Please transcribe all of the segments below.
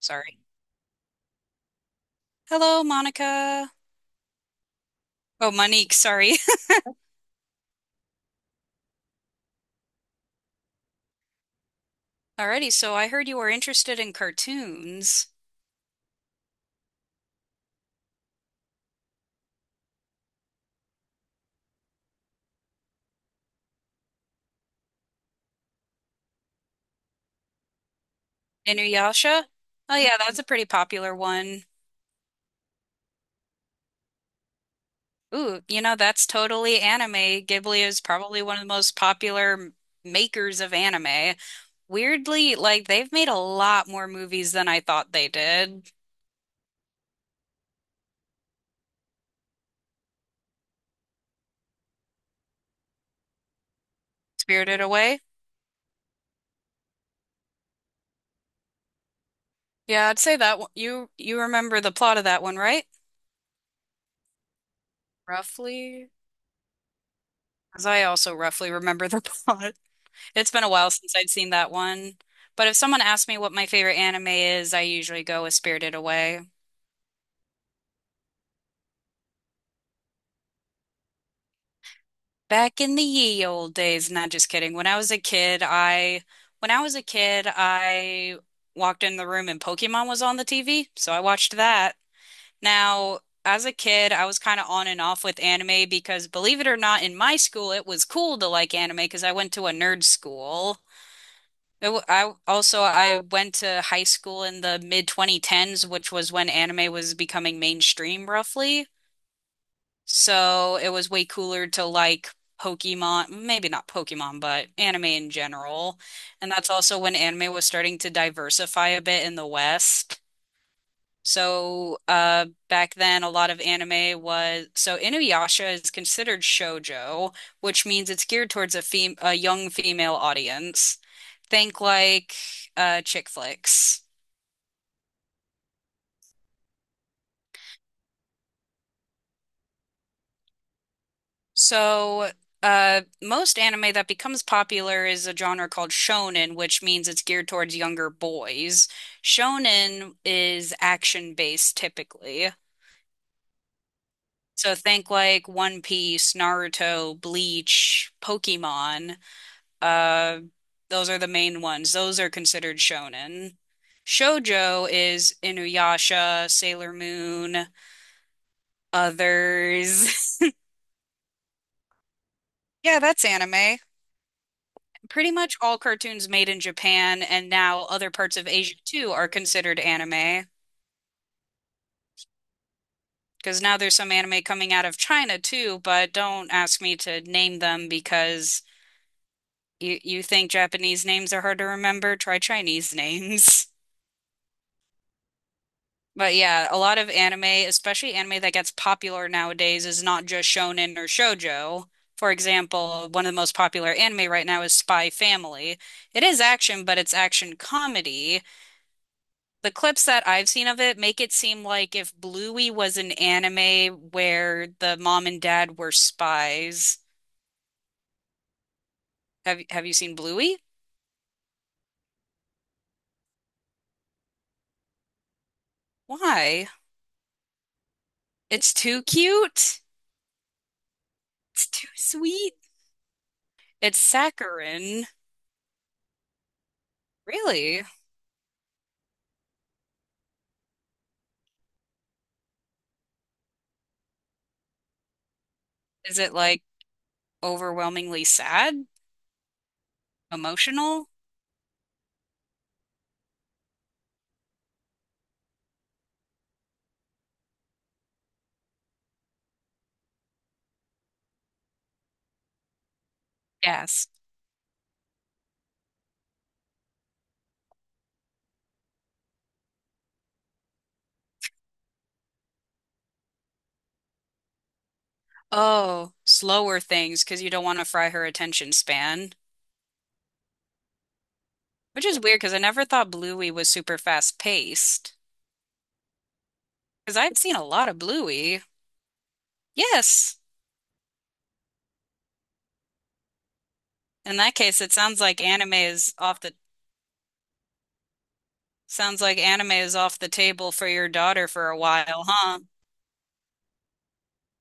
Sorry. Hello, Monica. Oh, Monique, sorry. Alrighty, so I heard you were interested in cartoons. Inuyasha? Oh yeah, that's a pretty popular one. Ooh, you know, that's totally anime. Ghibli is probably one of the most popular makers of anime. Weirdly, like they've made a lot more movies than I thought they did. Spirited Away? Yeah, I'd say that one. You remember the plot of that one, right? Roughly, because I also roughly remember the plot. It's been a while since I'd seen that one. But if someone asks me what my favorite anime is, I usually go with Spirited Away. Back in the ye old days, not just kidding. When I was a kid, I walked in the room and Pokemon was on the TV, so I watched that. Now, as a kid, I was kind of on and off with anime because believe it or not, in my school it was cool to like anime because I went to a nerd school. I went to high school in the mid 2010s, which was when anime was becoming mainstream roughly. So it was way cooler to like Pokemon, maybe not Pokemon, but anime in general. And that's also when anime was starting to diversify a bit in the West. So back then a lot of anime was so Inuyasha is considered shoujo, which means it's geared towards a fem a young female audience. Think like chick flicks. So, most anime that becomes popular is a genre called shonen, which means it's geared towards younger boys. Shonen is action based typically. So, think like One Piece, Naruto, Bleach, Pokemon. Uh, those are the main ones. Those are considered shonen. Shoujo is Inuyasha, Sailor Moon, others. Yeah, that's anime. Pretty much all cartoons made in Japan and now other parts of Asia too are considered anime. Because now there's some anime coming out of China too, but don't ask me to name them because you think Japanese names are hard to remember? Try Chinese names. But yeah, a lot of anime, especially anime that gets popular nowadays, is not just shonen or shoujo. For example, one of the most popular anime right now is Spy Family. It is action, but it's action comedy. The clips that I've seen of it make it seem like if Bluey was an anime where the mom and dad were spies. Have you seen Bluey? Why? It's too cute. It's too sweet. It's saccharine. Really? Is it like overwhelmingly sad? Emotional? Yes. Oh, slower things because you don't want to fry her attention span. Which is weird because I never thought Bluey was super fast paced. Because I've seen a lot of Bluey. Yes. In that case, it sounds like anime is off the sounds like anime is off the table for your daughter for a while, huh?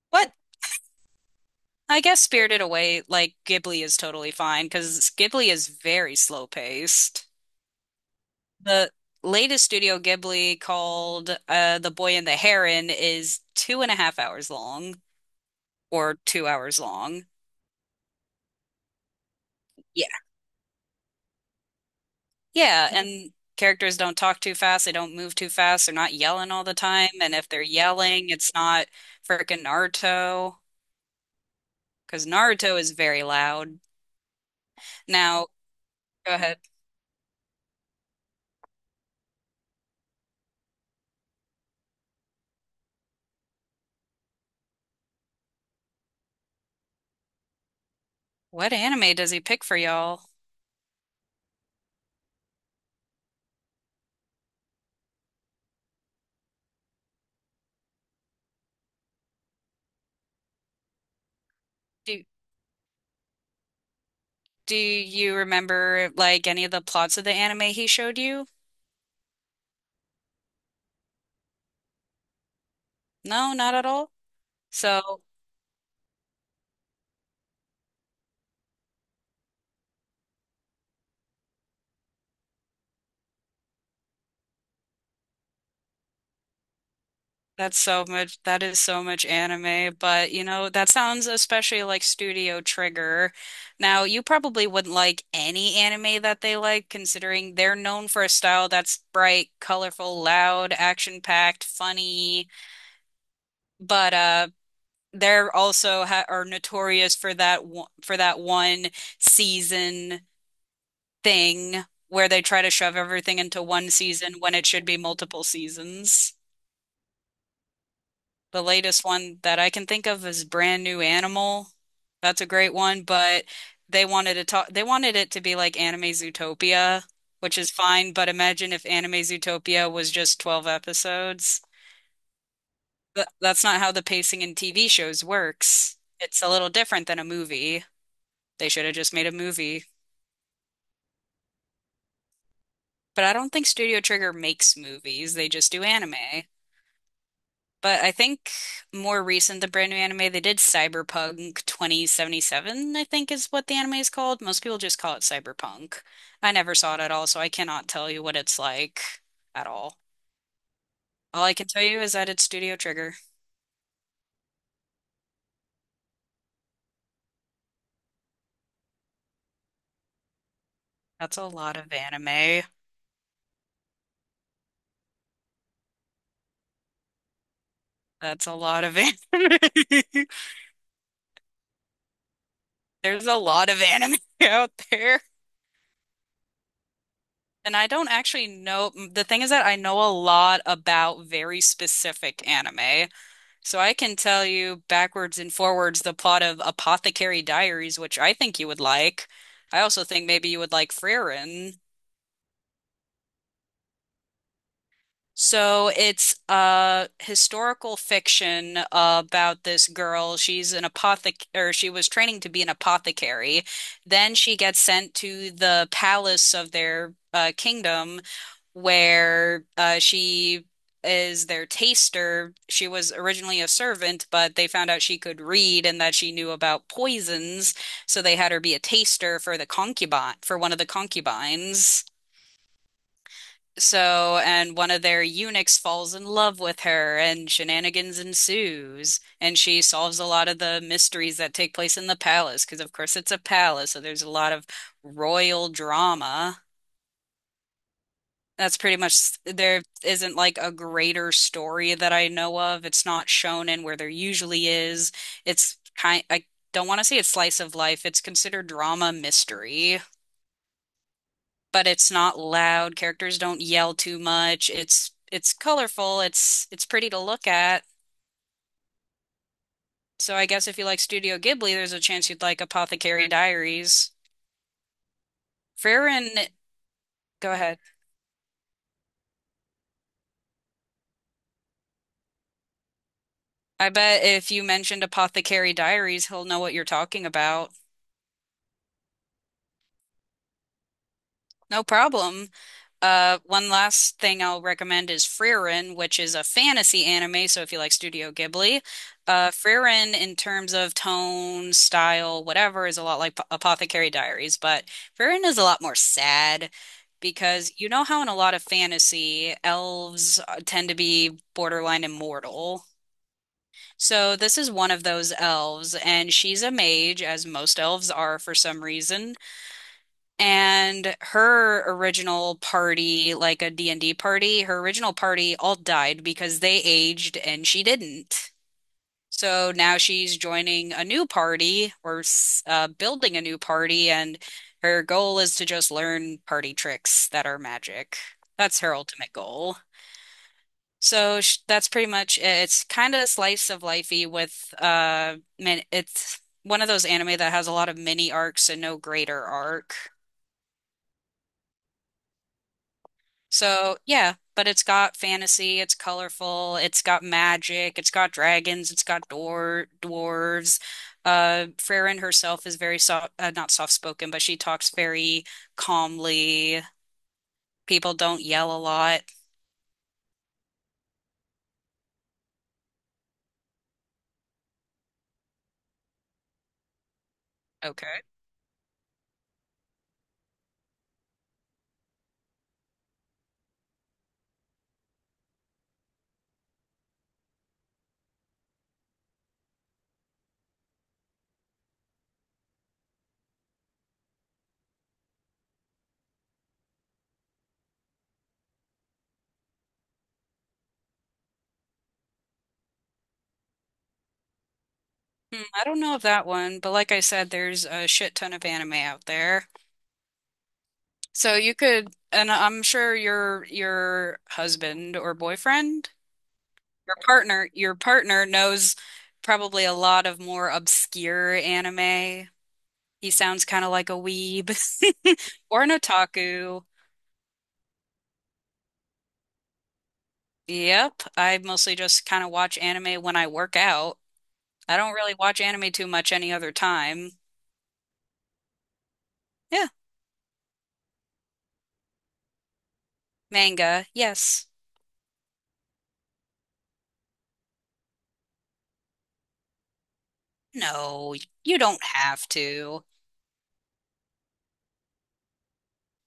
What? I guess Spirited Away, like Ghibli, is totally fine because Ghibli is very slow paced. The latest Studio Ghibli called The Boy and the Heron is two and a half hours long or 2 hours long. Yeah. Yeah, and characters don't talk too fast, they don't move too fast, they're not yelling all the time, and if they're yelling, it's not freaking Naruto. Because Naruto is very loud. Now, go ahead. What anime does he pick for y'all? Do do you remember like any of the plots of the anime he showed you? No, not at all. So that's so much that is so much anime, but you know, that sounds especially like Studio Trigger. Now, you probably wouldn't like any anime that they like, considering they're known for a style that's bright, colorful, loud, action-packed, funny. But they're also ha are notorious for that one, season thing where they try to shove everything into one season when it should be multiple seasons. The latest one that I can think of is Brand New Animal. That's a great one, but they wanted it to be like Anime Zootopia, which is fine, but imagine if Anime Zootopia was just 12 episodes. But that's not how the pacing in TV shows works. It's a little different than a movie. They should have just made a movie. But I don't think Studio Trigger makes movies, they just do anime. But I think more recent than brand new anime, they did Cyberpunk 2077, I think is what the anime is called. Most people just call it Cyberpunk. I never saw it at all, so I cannot tell you what it's like at all. All I can tell you is that it's Studio Trigger. That's a lot of anime. That's a lot of anime. There's a lot of anime out there. And I don't actually know. The thing is that I know a lot about very specific anime. So I can tell you backwards and forwards the plot of Apothecary Diaries, which I think you would like. I also think maybe you would like Frieren. So it's a historical fiction about this girl. She's an apothec or she was training to be an apothecary. Then she gets sent to the palace of their kingdom where she is their taster. She was originally a servant, but they found out she could read and that she knew about poisons, so they had her be a taster for the concubine, for one of the concubines. So, and one of their eunuchs falls in love with her, and shenanigans ensues. And she solves a lot of the mysteries that take place in the palace, because of course it's a palace, so there's a lot of royal drama. That's pretty much there isn't like a greater story that I know of. It's not shown in where there usually is. It's kind I don't want to say it's slice of life. It's considered drama mystery, but it's not loud. Characters don't yell too much. It's colorful. It's pretty to look at. So I guess if you like Studio Ghibli, there's a chance you'd like Apothecary Diaries. Farron, go ahead. I bet if you mentioned Apothecary Diaries, he'll know what you're talking about. No problem. One last thing I'll recommend is Frieren, which is a fantasy anime. So if you like Studio Ghibli, Frieren in terms of tone, style, whatever, is a lot like Apothecary Diaries, but Frieren is a lot more sad because you know how in a lot of fantasy, elves tend to be borderline immortal. So this is one of those elves, and she's a mage, as most elves are for some reason, and her original party, like a D and d party, her original party all died because they aged and she didn't. So now she's joining a new party or building a new party, and her goal is to just learn party tricks that are magic. That's her ultimate goal. So sh that's pretty much it. It's kind of slice of lifey with man, it's one of those anime that has a lot of mini arcs and no greater arc. So, yeah, but it's got fantasy, it's colorful, it's got magic, it's got dragons, it's got dwarves. Farron herself is very soft, not soft-spoken, but she talks very calmly. People don't yell a lot. Okay. Hmm, I don't know of that one, but like I said, there's a shit ton of anime out there. So you could, and I'm sure your husband or boyfriend. Your partner knows probably a lot of more obscure anime. He sounds kind of like a weeb or an otaku. Yep, I mostly just kind of watch anime when I work out. I don't really watch anime too much any other time. Yeah, manga, yes. No, you don't have to.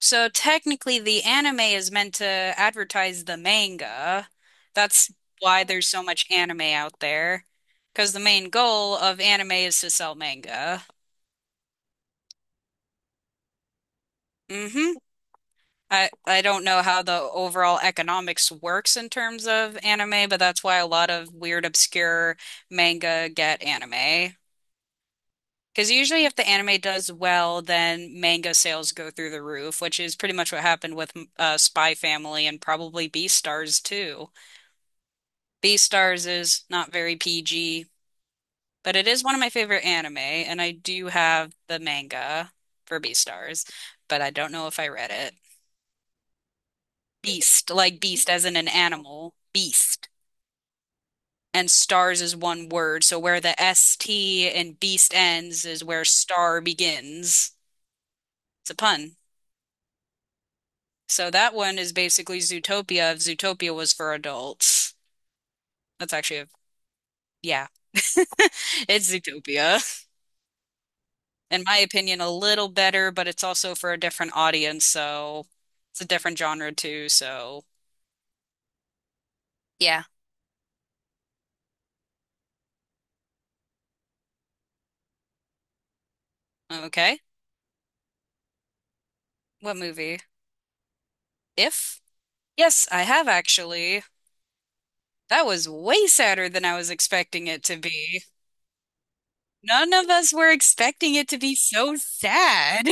So technically, the anime is meant to advertise the manga. That's why there's so much anime out there, because the main goal of anime is to sell manga. Hmm. I don't know how the overall economics works in terms of anime, but that's why a lot of weird, obscure manga get anime. Because usually, if the anime does well, then manga sales go through the roof, which is pretty much what happened with Spy Family and probably Beastars too. Beastars is not very PG, but it is one of my favorite anime, and I do have the manga for Beastars, but I don't know if I read it. Beast, like beast as in an animal, beast. And stars is one word, so where the s t and beast ends is where star begins. It's a pun. So that one is basically Zootopia if Zootopia was for adults. That's actually a, yeah, it's Zootopia. In my opinion, a little better, but it's also for a different audience, so it's a different genre too, so yeah. Okay. What movie? If? Yes, I have actually. That was way sadder than I was expecting it to be. None of us were expecting it to be so sad.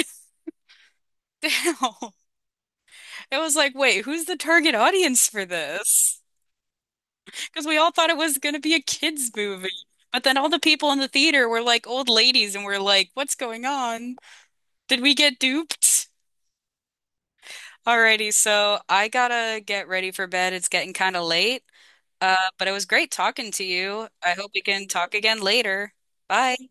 It was like, wait, who's the target audience for this? Because we all thought it was going to be a kids' movie. But then all the people in the theater were like old ladies, and we're like, what's going on? Did we get duped? Alrighty, so I gotta get ready for bed. It's getting kind of late. But it was great talking to you. I hope we can talk again later. Bye.